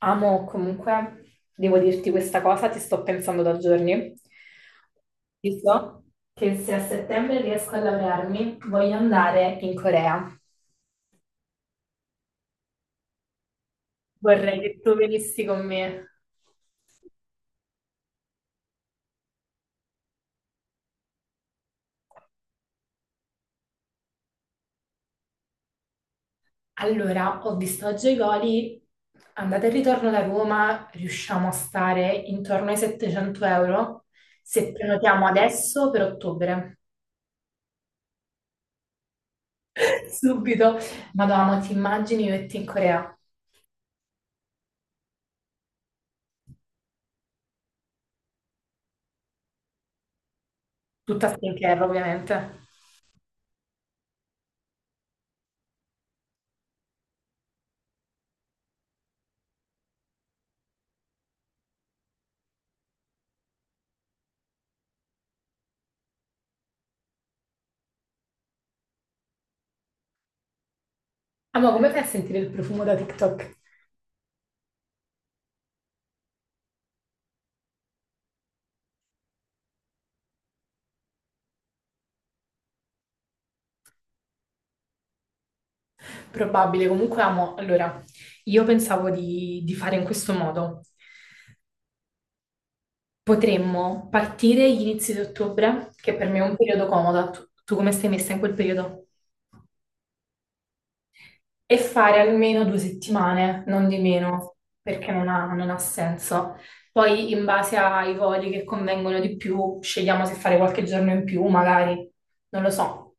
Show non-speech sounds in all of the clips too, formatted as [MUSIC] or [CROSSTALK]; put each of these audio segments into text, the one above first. Amo comunque, devo dirti questa cosa, ti sto pensando da giorni. Io so che se a settembre riesco a laurearmi, voglio andare in Corea. Vorrei che tu venissi con me. Allora, ho visto oggi i voli, andata e ritorno da Roma, riusciamo a stare intorno ai 700 euro se prenotiamo adesso per ottobre. [LAUGHS] Subito. Madonna, ti immagini io e te in Corea? Tutta skincare, ovviamente. Amo, come fai a sentire il profumo da TikTok? Probabile, comunque amo. Allora, io pensavo di fare in questo modo. Potremmo partire gli inizi di ottobre, che per me è un periodo comodo. Tu come stai messa in quel periodo? E fare almeno due settimane, non di meno, perché non ha senso. Poi, in base ai voli che convengono di più, scegliamo se fare qualche giorno in più, magari. Non lo so.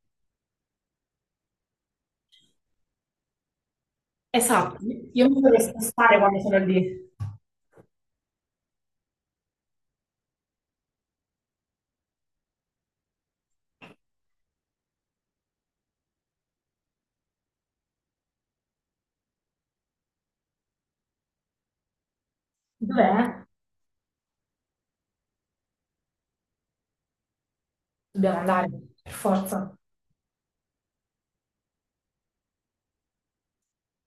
Esatto, io mi vorrei spostare quando sono lì. Dov'è? Dobbiamo andare, per forza.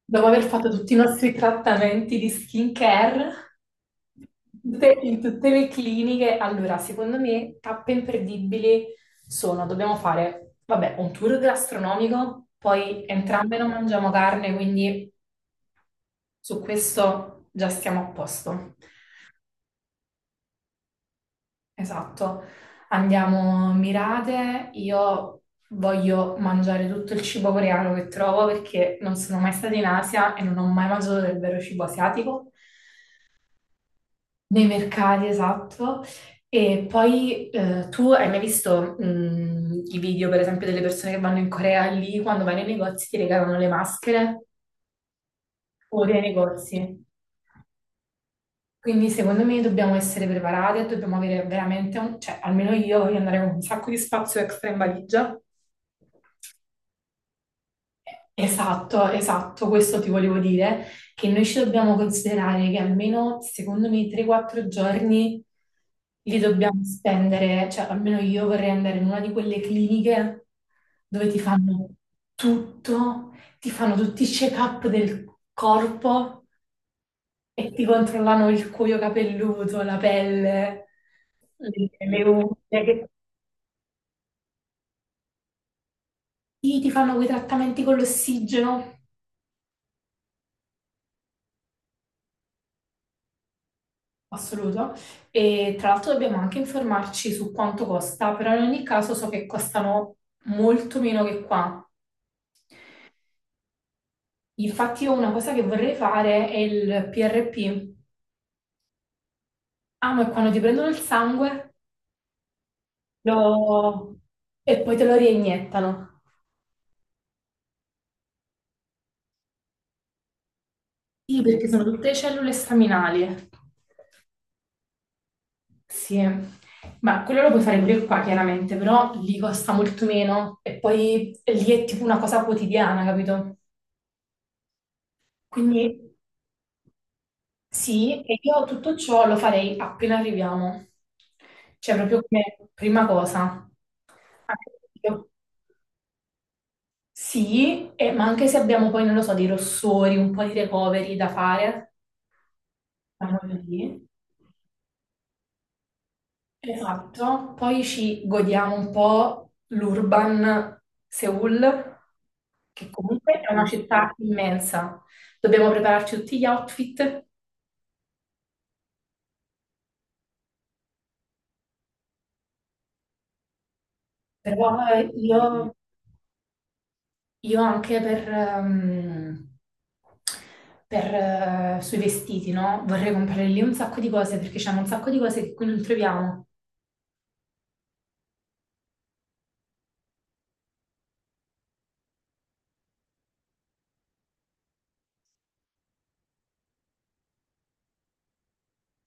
Dopo aver fatto tutti i nostri trattamenti di skincare in tutte le cliniche, allora, secondo me, tappe imperdibili sono, dobbiamo fare, vabbè, un tour gastronomico, poi entrambe non mangiamo carne, quindi su questo già stiamo a posto. Esatto, andiamo mirate, io voglio mangiare tutto il cibo coreano che trovo perché non sono mai stata in Asia e non ho mai mangiato del vero cibo asiatico, nei mercati, esatto. E poi tu hai mai visto i video, per esempio, delle persone che vanno in Corea lì, quando vanno nei negozi ti regalano le maschere o dei negozi? Quindi secondo me dobbiamo essere preparati e dobbiamo avere veramente un, cioè almeno io voglio andare con un sacco di spazio extra in valigia. Esatto, esatto, questo ti volevo dire, che noi ci dobbiamo considerare che almeno secondo me 3-4 giorni li dobbiamo spendere, cioè almeno io vorrei andare in una di quelle cliniche dove ti fanno tutto, ti fanno tutti i check-up del corpo e ti controllavano il cuoio capelluto, la pelle, le, le unghie, che sì, ti fanno quei trattamenti con l'ossigeno, assoluto. E tra l'altro dobbiamo anche informarci su quanto costa, però in ogni caso so che costano molto meno che qua. Infatti io una cosa che vorrei fare è il PRP. Ah, ma è quando ti prendono il sangue lo- e poi te lo reiniettano. Sì, perché sono tutte cellule staminali. Sì, ma quello lo puoi fare pure qua chiaramente, però lì costa molto meno e poi lì è tipo una cosa quotidiana, capito? Quindi sì, e io tutto ciò lo farei appena arriviamo, cioè proprio come prima cosa. Anche io. Sì, ma anche se abbiamo poi, non lo so, dei rossori, un po' di recovery da fare, siamo lì. Esatto, poi ci godiamo un po' l'urban Seoul, che comunque è una città immensa. Dobbiamo prepararci tutti gli outfit, però io anche per, per, sui vestiti, no? Vorrei comprare lì un sacco di cose perché c'è un sacco di cose che qui non troviamo.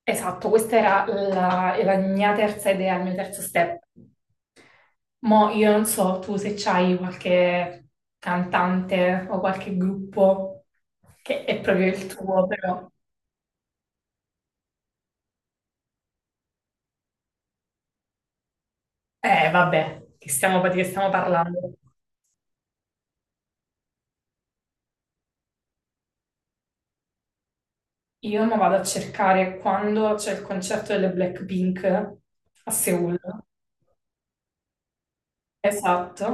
Esatto, questa era la mia terza idea, il mio terzo step. Mo' io non so tu se c'hai qualche cantante o qualche gruppo che è proprio il tuo, però. Vabbè, che stiamo, di che stiamo parlando? Io mi vado a cercare quando c'è il concerto delle Blackpink a Seoul. Esatto.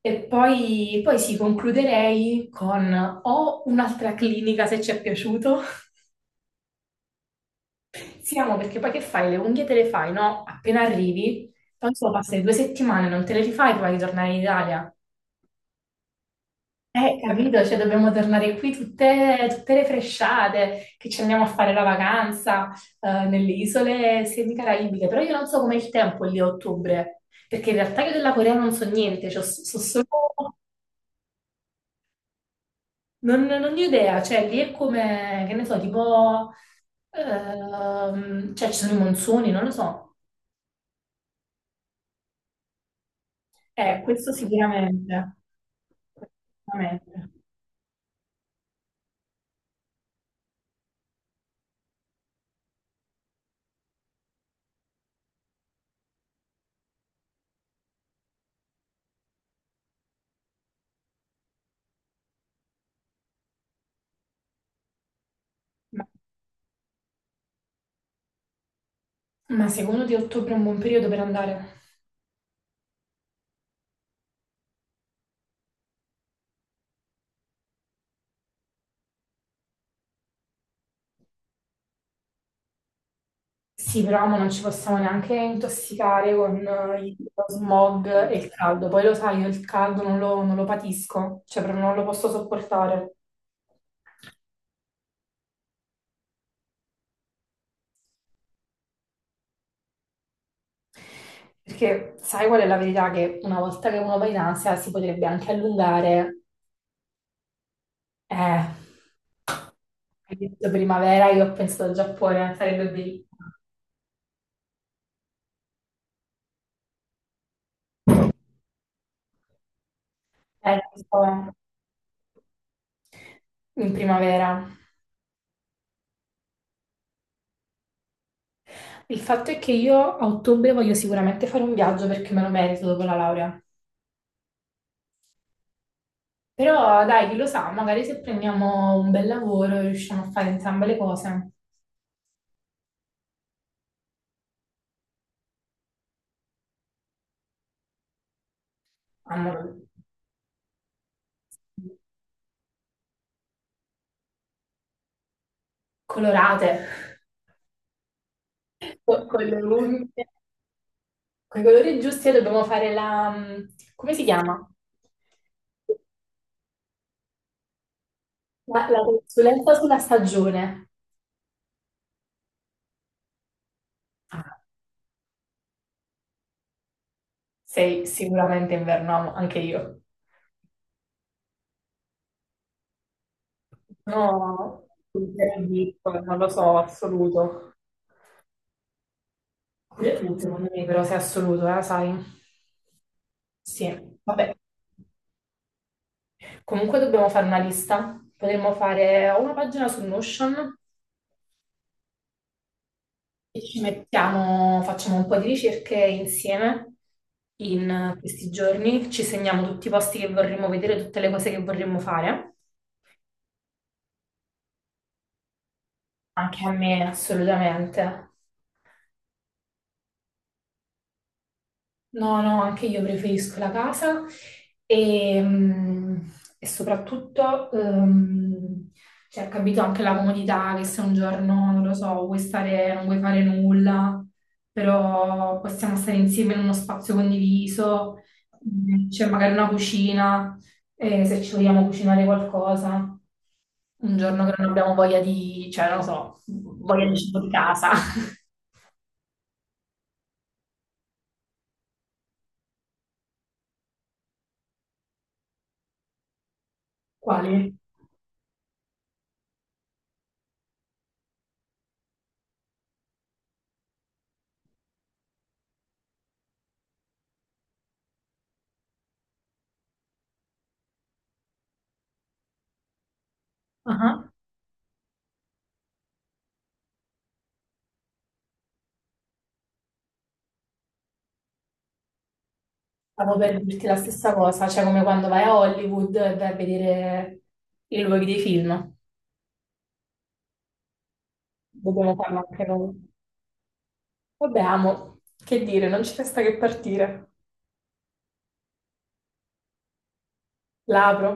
E poi, poi sì, concluderei con o un'altra clinica se ci è piaciuto. [LAUGHS] Siamo perché poi che fai? Le unghie te le fai, no? Appena arrivi, poi solo passare due settimane, non te le rifai prima di tornare in Italia. Capito, cioè dobbiamo tornare qui tutte refresciate, che ci andiamo a fare la vacanza nelle isole semicaraibiche, però io non so com'è il tempo lì a ottobre, perché in realtà io della Corea non so niente, cioè, so solo... non ho idea, cioè lì è come, che ne so, tipo... cioè ci sono i monsoni, non lo so. Questo sicuramente. Questo sicuramente. Ma, ma secondo te ottobre è un buon periodo per andare? Sì, però mo non ci possiamo neanche intossicare con lo smog e il caldo. Poi lo sai, io il caldo non lo patisco, cioè proprio non lo posso sopportare. Perché sai qual è la verità? Che una volta che uno va in Asia si potrebbe anche allungare. Eh, hai detto primavera, io ho pensato al Giappone, sarebbe bellissimo. Lo so, in primavera. Il fatto è che io a ottobre voglio sicuramente fare un viaggio perché me lo merito dopo la laurea. Però dai, chi lo sa, magari se prendiamo un bel lavoro riusciamo a fare entrambe le cose. Amore, colorate, con le unghie, con i colori giusti e dobbiamo fare la... come si chiama? La consulenza sulla stagione. Ah, sei sicuramente inverno, anche io. No, un verdicto, non lo so, assoluto. Secondo me però sei assoluto, sai? Sì, vabbè. Comunque dobbiamo fare una lista. Potremmo fare una pagina su Notion e ci mettiamo, facciamo un po' di ricerche insieme in questi giorni, ci segniamo tutti i posti che vorremmo vedere, tutte le cose che vorremmo fare. Anche a me, assolutamente. No, no, anche io preferisco la casa e, mm, e soprattutto cioè, capito anche la comodità che se un giorno, non lo so, vuoi stare, non vuoi fare nulla, però possiamo stare insieme in uno spazio condiviso, mm, c'è magari una cucina, se ci vogliamo cucinare qualcosa, un giorno che non abbiamo voglia di, cioè, non lo so, voglia di cibo di casa. [LAUGHS] Quali? Ah. Stavo per dirti la stessa cosa, cioè come quando vai a Hollywood e vai a vedere i luoghi dei film. Dobbiamo farlo anche noi. Vabbè, amo, che dire, non ci resta che partire. L'apro.